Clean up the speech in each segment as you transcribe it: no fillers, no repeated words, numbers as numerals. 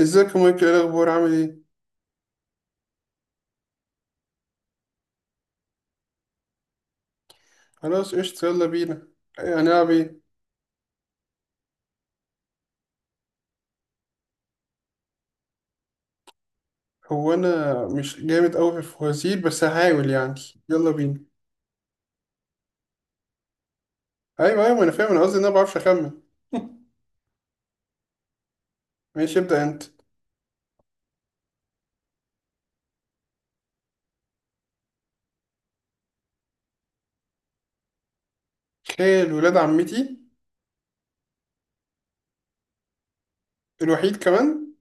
ازيك يا مايكل؟ ايه الاخبار؟ عامل ايه؟ خلاص، قشطة، يلا بينا. هنلعب ايه؟ هو انا مش جامد قوي في الفوازير، بس هحاول يعني. يلا بينا. ايوه، ايوه، ما انا فاهم. انا قصدي ان انا ما بعرفش اخمن. ماشي، ابدا انت. خال ولاد عمتي. الوحيد كمان.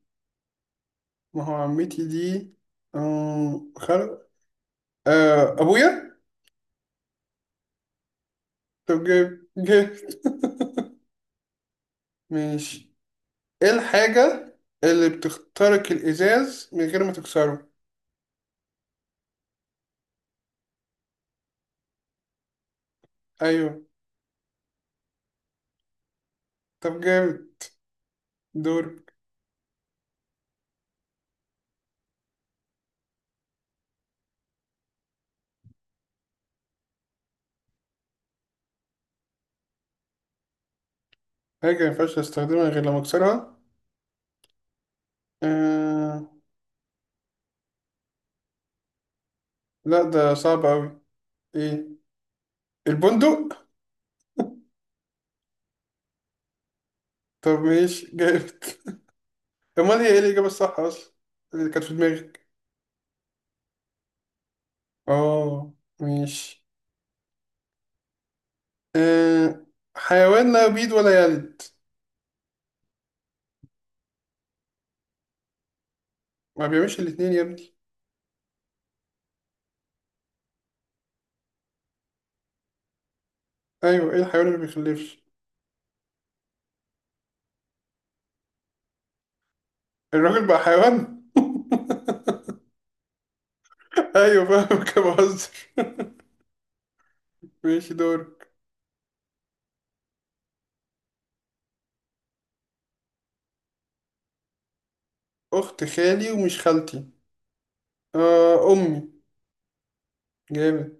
ما هو عمتي دي أم... خل... ابويا. طب، جيب جيب. ماشي. ايه الحاجة اللي بتخترق الازاز من غير ما تكسره؟ ايوه. طب جامد. دور. حاجة مينفعش أستخدمها غير لما أكسرها. آه... لا، ده صعب أوي. إيه؟ البندق. طب ماشي جامد. أمال هي إيه الإجابة الصح أصلا، اللي كانت في دماغك؟ آه. ماشي. آه... حيوان لا يبيض ولا يلد. ما بيعملش الاتنين يا ابني. أيوه، إيه الحيوان اللي ما بيخلفش؟ الراجل بقى حيوان؟ أيوه فاهم، كده بهزر. ماشي دورك. أخت خالي ومش خالتي. آه، أمي. جامد.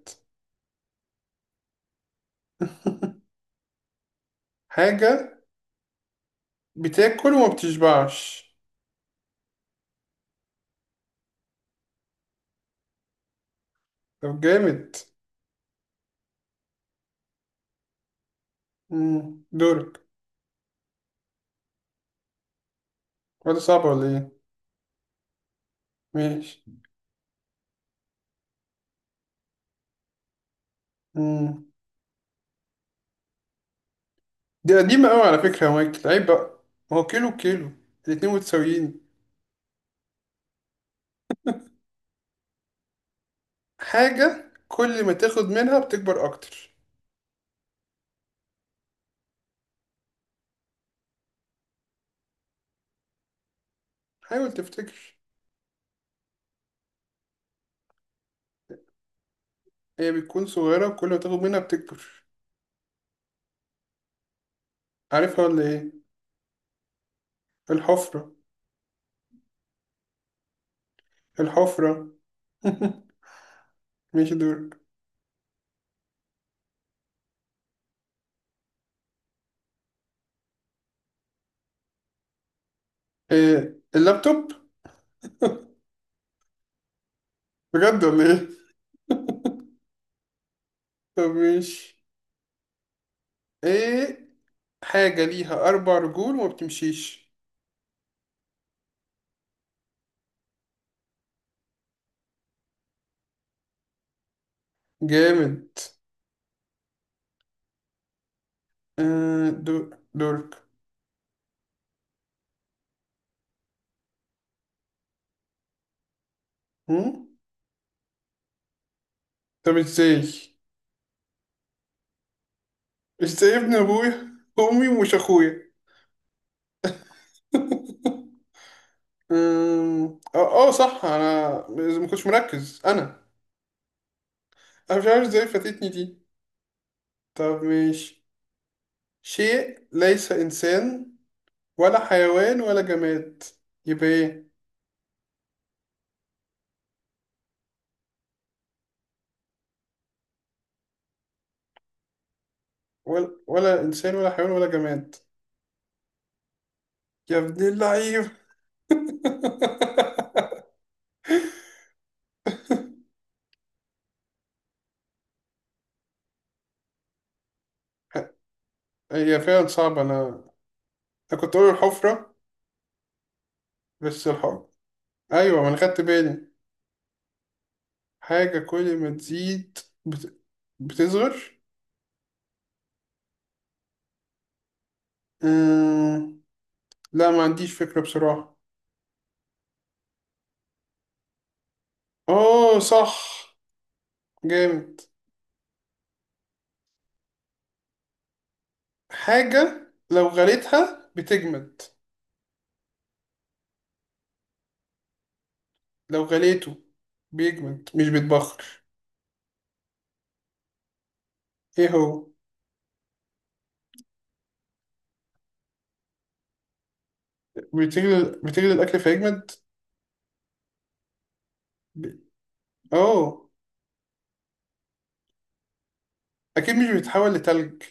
حاجة بتاكل وما بتشبعش. طب جامد. مم. دورك. ولا صعب ولا ايه؟ ماشي. مم. دي قديمة قوي على فكرة يا مايكل، عيب بقى. ما هو كيلو كيلو، الاتنين متساويين. حاجة كل ما تاخد منها بتكبر أكتر. حاول تفتكر. هي بتكون صغيرة وكل ما تاخد منها بتكبر. عارفها ولا ايه؟ الحفرة. الحفرة. ماشي دورك. إيه؟ اللابتوب. بجد ولا ايه؟ طب ماشي. ايه؟ حاجة ليها أربع رجول وما بتمشيش. جامد. آه، دور. دورك. هم؟ طب ازاي ابن أبويا أمي ومش أخويا؟ اه، آه، صح. أنا ما كنتش مركز أنا مش عارف ازاي فاتتني دي. طب ماشي. شيء ليس إنسان ولا حيوان ولا جماد، يبقى ايه؟ ولا إنسان ولا حيوان ولا جماد. يا ابن اللعيب. هي فعلا صعبة. أنا كنت أقول الحفرة، بس الحفرة. أيوة، ما أنا خدت بالي. حاجة كل ما تزيد، بت... بتصغر. أمم... لا، ما عنديش فكرة بصراحة. أوه، صح، جامد. حاجة لو غليتها بتجمد. لو غليته بيجمد مش بيتبخر. إيه هو؟ بتغلي بتغلي الأكل فيجمد. ب... أوه. أكيد مش بيتحول لتلج،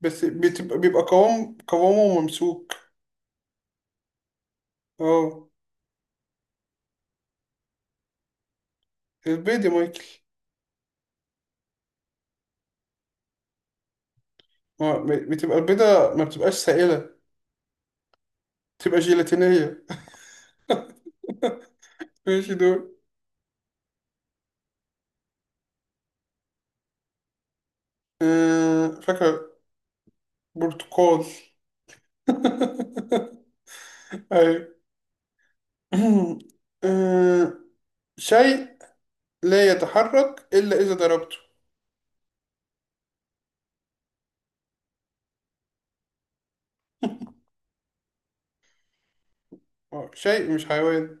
بس بتبقى، بيبقى قوام، قوامه ممسوك. أوه، البيضة يا مايكل. بتبقى البيضة ما بتبقاش سائلة، بتبقى جيلاتينية. ماشي دول. آه، فاكهة. برتقال. أيوة. آه. شيء لا يتحرك إلا إذا ضربته. آه، شيء مش حيوان.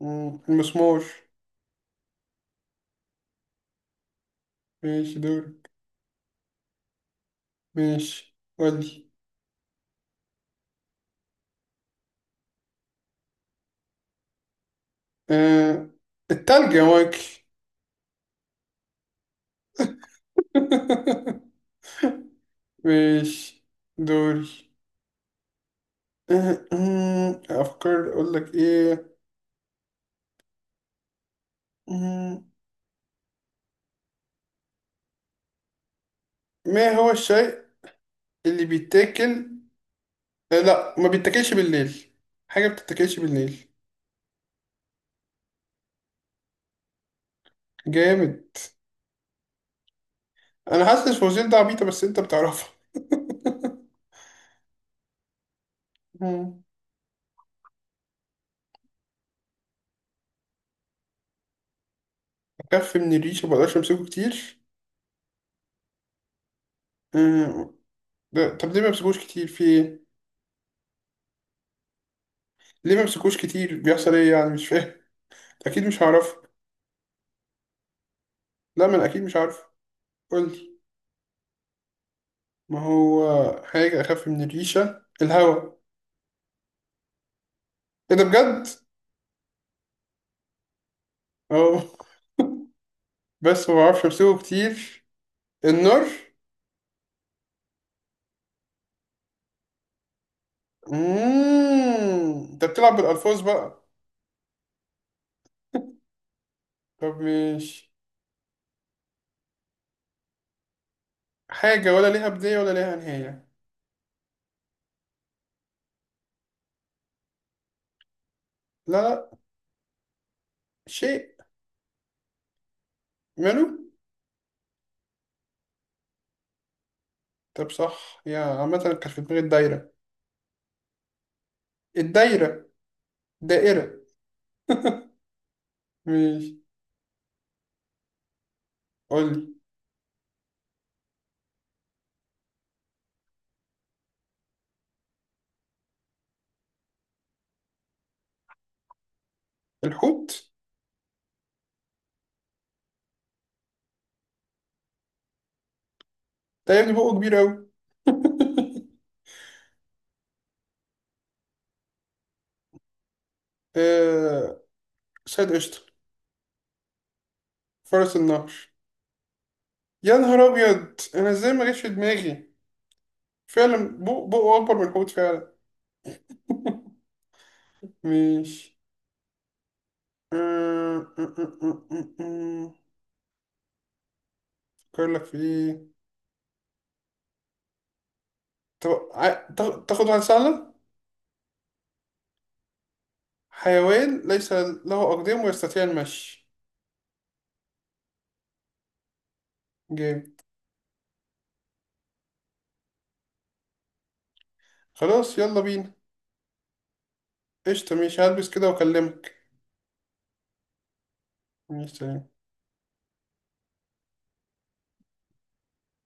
المسمار. ماشي دول. ماشي ودي. آه، التلج يا مايكل. ماشي دوري. أفكر أقول لك إيه. مم. ما هو الشيء اللي بيتاكل؟ لا، ما بيتاكلش بالليل. حاجة بتتاكلش بالليل. جامد. انا حاسس الفوزيل ده عبيطة، بس انت بتعرفها. مم. بخاف من الريش ما بقدرش امسكه كتير. مم. ده طب ليه ما بمسكوش كتير؟ في ايه؟ ليه ما بمسكوش كتير؟ بيحصل ايه يعني؟ مش فاهم. اكيد مش هعرف. لا، ما انا اكيد مش عارف، قول لي. ما هو حاجة اخف من الريشة، الهوا. ايه ده بجد؟ اه. بس ما بعرفش امسكه كتير. النار. انت بتلعب بالالفاظ بقى. طب، مش، حاجه ولا ليها بدايه ولا ليها نهايه. لا، لا. شيء ماله. طب صح، يا عامه كانت في دماغي الدايره. الدايره. دائره. مش، قول لي. الحوت. ده يا ابني بقه كبير قوي. آه... سيد قشطه. فرس النهر. يا نهار ابيض، انا ازاي ما جاش في دماغي؟ فعلا، بقه اكبر من الحوت فعلا. مش، آه، آه، آه، آه، آه، آه. بيقول لك في إيه. تاخد واحد سهلة. حيوان ليس له أقدام ويستطيع المشي. جامد. خلاص يلا بينا. قشطة، ماشي، هلبس كده وأكلمك. ماشي، سلام.